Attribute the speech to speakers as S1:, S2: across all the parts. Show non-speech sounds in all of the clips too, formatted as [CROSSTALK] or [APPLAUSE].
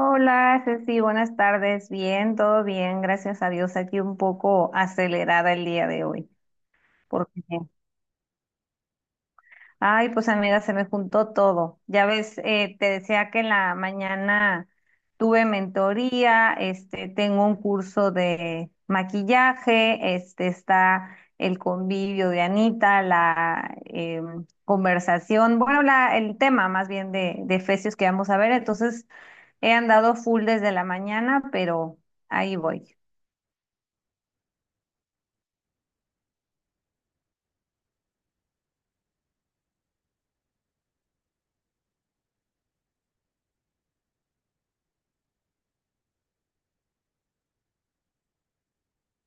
S1: Hola, Ceci, buenas tardes. Bien, todo bien, gracias a Dios. Aquí un poco acelerada el día de hoy, porque Ay, pues amiga, se me juntó todo. Ya ves, te decía que en la mañana tuve mentoría, tengo un curso de maquillaje, está el convivio de Anita, la conversación, bueno, el tema más bien de Efesios que vamos a ver. Entonces, he andado full desde la mañana, pero ahí voy.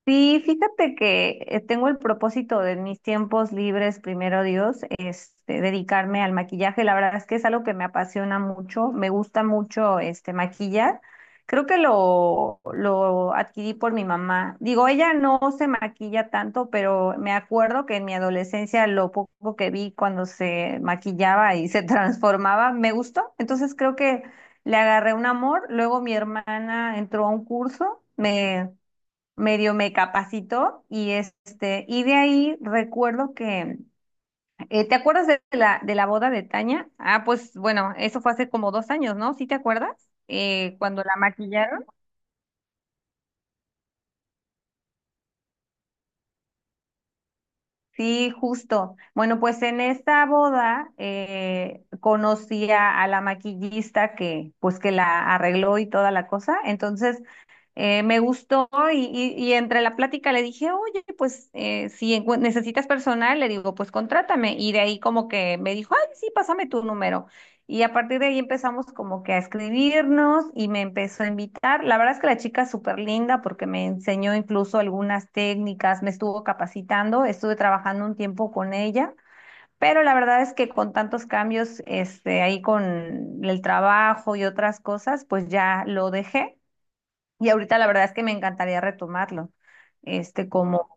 S1: Sí, fíjate que tengo el propósito de en mis tiempos libres, primero Dios, dedicarme al maquillaje. La verdad es que es algo que me apasiona mucho, me gusta mucho este maquillar. Creo que lo adquirí por mi mamá. Digo, ella no se maquilla tanto, pero me acuerdo que en mi adolescencia lo poco que vi cuando se maquillaba y se [LAUGHS] transformaba, me gustó. Entonces creo que le agarré un amor. Luego mi hermana entró a un curso, me medio me capacitó y y de ahí recuerdo que, ¿te acuerdas de la boda de Tania? Ah, pues bueno, eso fue hace como 2 años, ¿no? ¿Sí te acuerdas? Cuando la maquillaron. Sí, justo. Bueno, pues en esta boda conocí a la maquillista que, pues que la arregló y toda la cosa. Entonces, me gustó y entre la plática le dije, oye, pues si necesitas personal, le digo, pues contrátame. Y de ahí como que me dijo, ay, sí, pásame tu número. Y a partir de ahí empezamos como que a escribirnos y me empezó a invitar. La verdad es que la chica es súper linda porque me enseñó incluso algunas técnicas, me estuvo capacitando, estuve trabajando un tiempo con ella. Pero la verdad es que con tantos cambios, ahí con el trabajo y otras cosas, pues ya lo dejé. Y ahorita la verdad es que me encantaría retomarlo. Este, como,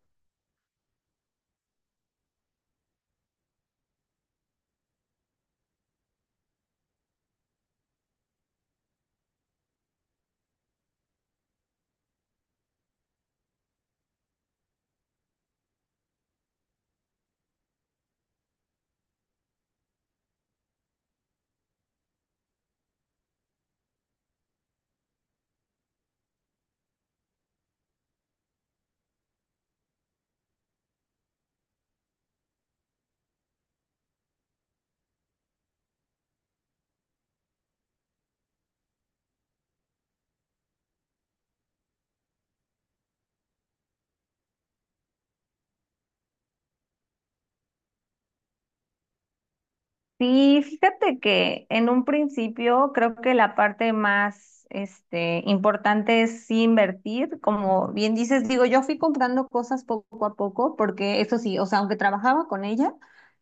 S1: sí, fíjate que en un principio creo que la parte más, importante es sí invertir. Como bien dices, digo, yo fui comprando cosas poco a poco, porque eso sí, o sea, aunque trabajaba con ella,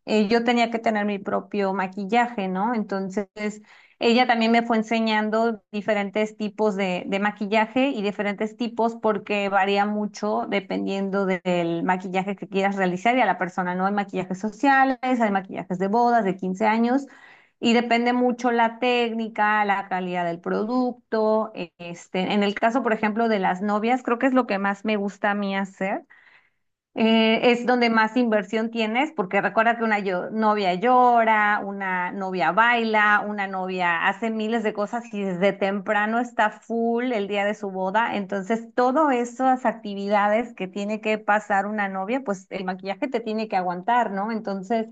S1: yo tenía que tener mi propio maquillaje, ¿no? Entonces, ella también me fue enseñando diferentes tipos de maquillaje y diferentes tipos porque varía mucho dependiendo del maquillaje que quieras realizar y a la persona, ¿no? Hay maquillajes sociales, hay maquillajes de bodas, de 15 años y depende mucho la técnica, la calidad del producto. En el caso, por ejemplo, de las novias, creo que es lo que más me gusta a mí hacer, es donde más inversión tienes, porque recuerda que una novia llora, una novia baila, una novia hace miles de cosas y desde temprano está full el día de su boda. Entonces, todas esas actividades que tiene que pasar una novia, pues el maquillaje te tiene que aguantar, ¿no? Entonces,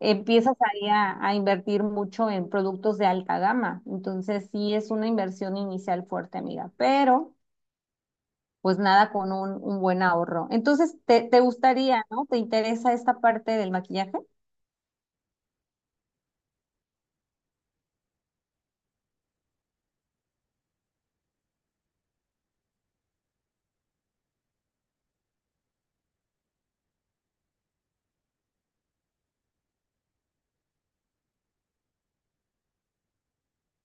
S1: empiezas ahí a invertir mucho en productos de alta gama. Entonces, sí es una inversión inicial fuerte, amiga, pero pues nada con un buen ahorro. Entonces, te gustaría, ¿no? ¿Te interesa esta parte del maquillaje?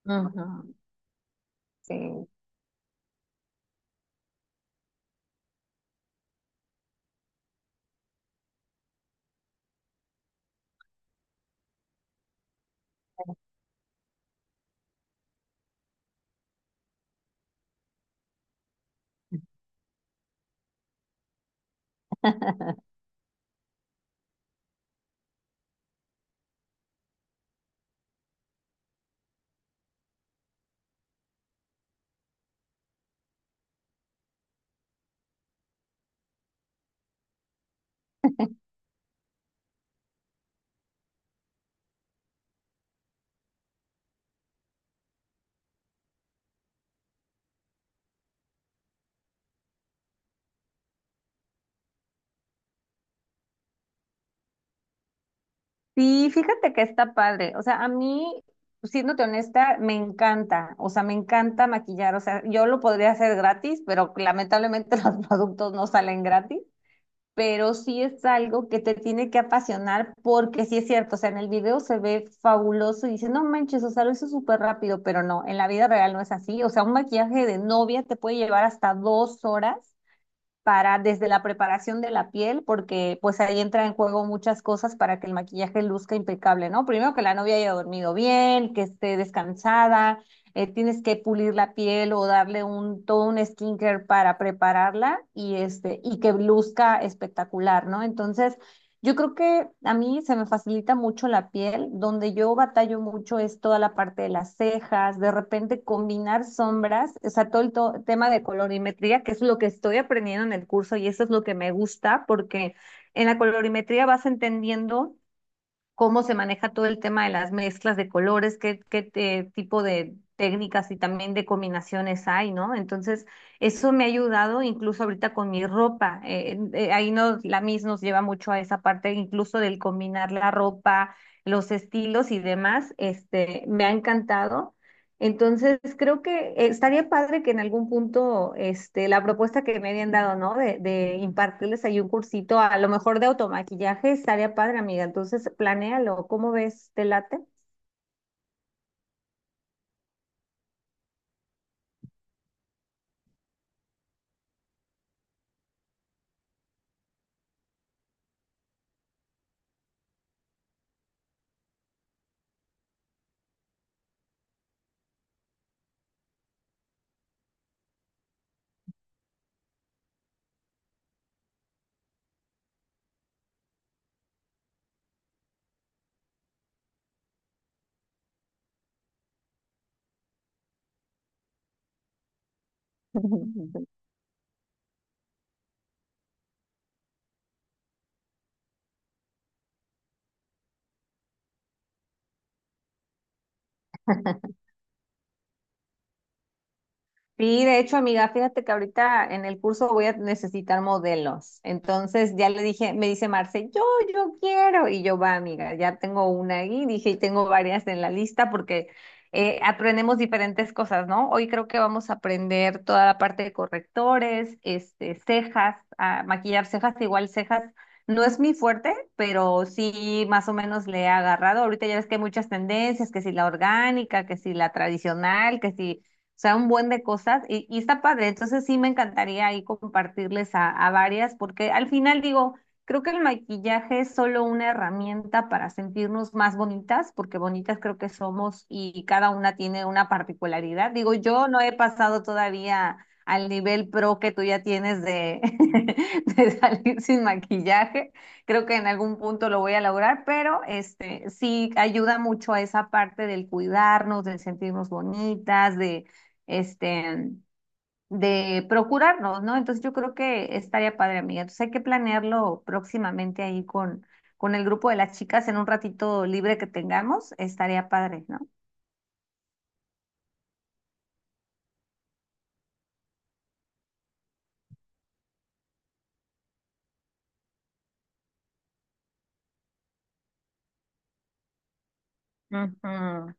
S1: Ujú, sí. [LAUGHS] Sí, fíjate que está padre. O sea, a mí, siéndote honesta, me encanta. O sea, me encanta maquillar. O sea, yo lo podría hacer gratis, pero lamentablemente [LAUGHS] los productos no salen gratis. Pero sí es algo que te tiene que apasionar porque sí es cierto, o sea, en el video se ve fabuloso y dice, no manches, o sea, lo hizo súper rápido, pero no, en la vida real no es así, o sea, un maquillaje de novia te puede llevar hasta 2 horas para desde la preparación de la piel, porque pues ahí entra en juego muchas cosas para que el maquillaje luzca impecable, ¿no? Primero que la novia haya dormido bien, que esté descansada, tienes que pulir la piel o darle un todo un skincare para prepararla y este y que luzca espectacular, ¿no? Entonces, yo creo que a mí se me facilita mucho la piel, donde yo batallo mucho es toda la parte de las cejas, de repente combinar sombras, o sea, todo el tema de colorimetría, que es lo que estoy aprendiendo en el curso y eso es lo que me gusta, porque en la colorimetría vas entendiendo cómo se maneja todo el tema de las mezclas de colores, qué tipo de técnicas y también de combinaciones hay, ¿no? Entonces, eso me ha ayudado incluso ahorita con mi ropa. Ahí nos, la MIS nos lleva mucho a esa parte, incluso del combinar la ropa, los estilos y demás. Me ha encantado. Entonces, creo que estaría padre que en algún punto, la propuesta que me habían dado, ¿no? De impartirles ahí un cursito, a lo mejor de automaquillaje, estaría padre, amiga. Entonces, planéalo, ¿cómo ves? ¿Te late? [LAUGHS] Sí, de hecho, amiga, fíjate que ahorita en el curso voy a necesitar modelos. Entonces ya le dije, me dice Marce, yo quiero. Y yo, va, amiga, ya tengo una ahí, dije, y tengo varias en la lista porque aprendemos diferentes cosas, ¿no? Hoy creo que vamos a aprender toda la parte de correctores, cejas, a maquillar cejas, igual cejas. No es mi fuerte, pero sí más o menos le he agarrado. Ahorita ya ves que hay muchas tendencias, que si la orgánica, que si la tradicional, que si o sea, un buen de cosas y está padre. Entonces sí me encantaría ahí compartirles a varias, porque al final digo, creo que el maquillaje es solo una herramienta para sentirnos más bonitas, porque bonitas creo que somos y cada una tiene una particularidad. Digo, yo no he pasado todavía al nivel pro que tú ya tienes [LAUGHS] de salir sin maquillaje. Creo que en algún punto lo voy a lograr, pero este sí ayuda mucho a esa parte del cuidarnos, del sentirnos bonitas, este, de procurarnos, ¿no? Entonces yo creo que estaría padre, amiga. Entonces hay que planearlo próximamente ahí con el grupo de las chicas en un ratito libre que tengamos, estaría padre, ¿no? Ujú.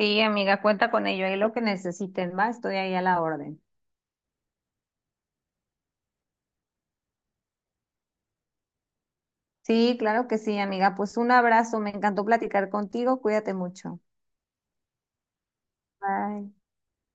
S1: Sí, amiga, cuenta con ello. Ahí lo que necesiten, va, estoy ahí a la orden. Sí, claro que sí, amiga. Pues un abrazo, me encantó platicar contigo, cuídate mucho. Bye.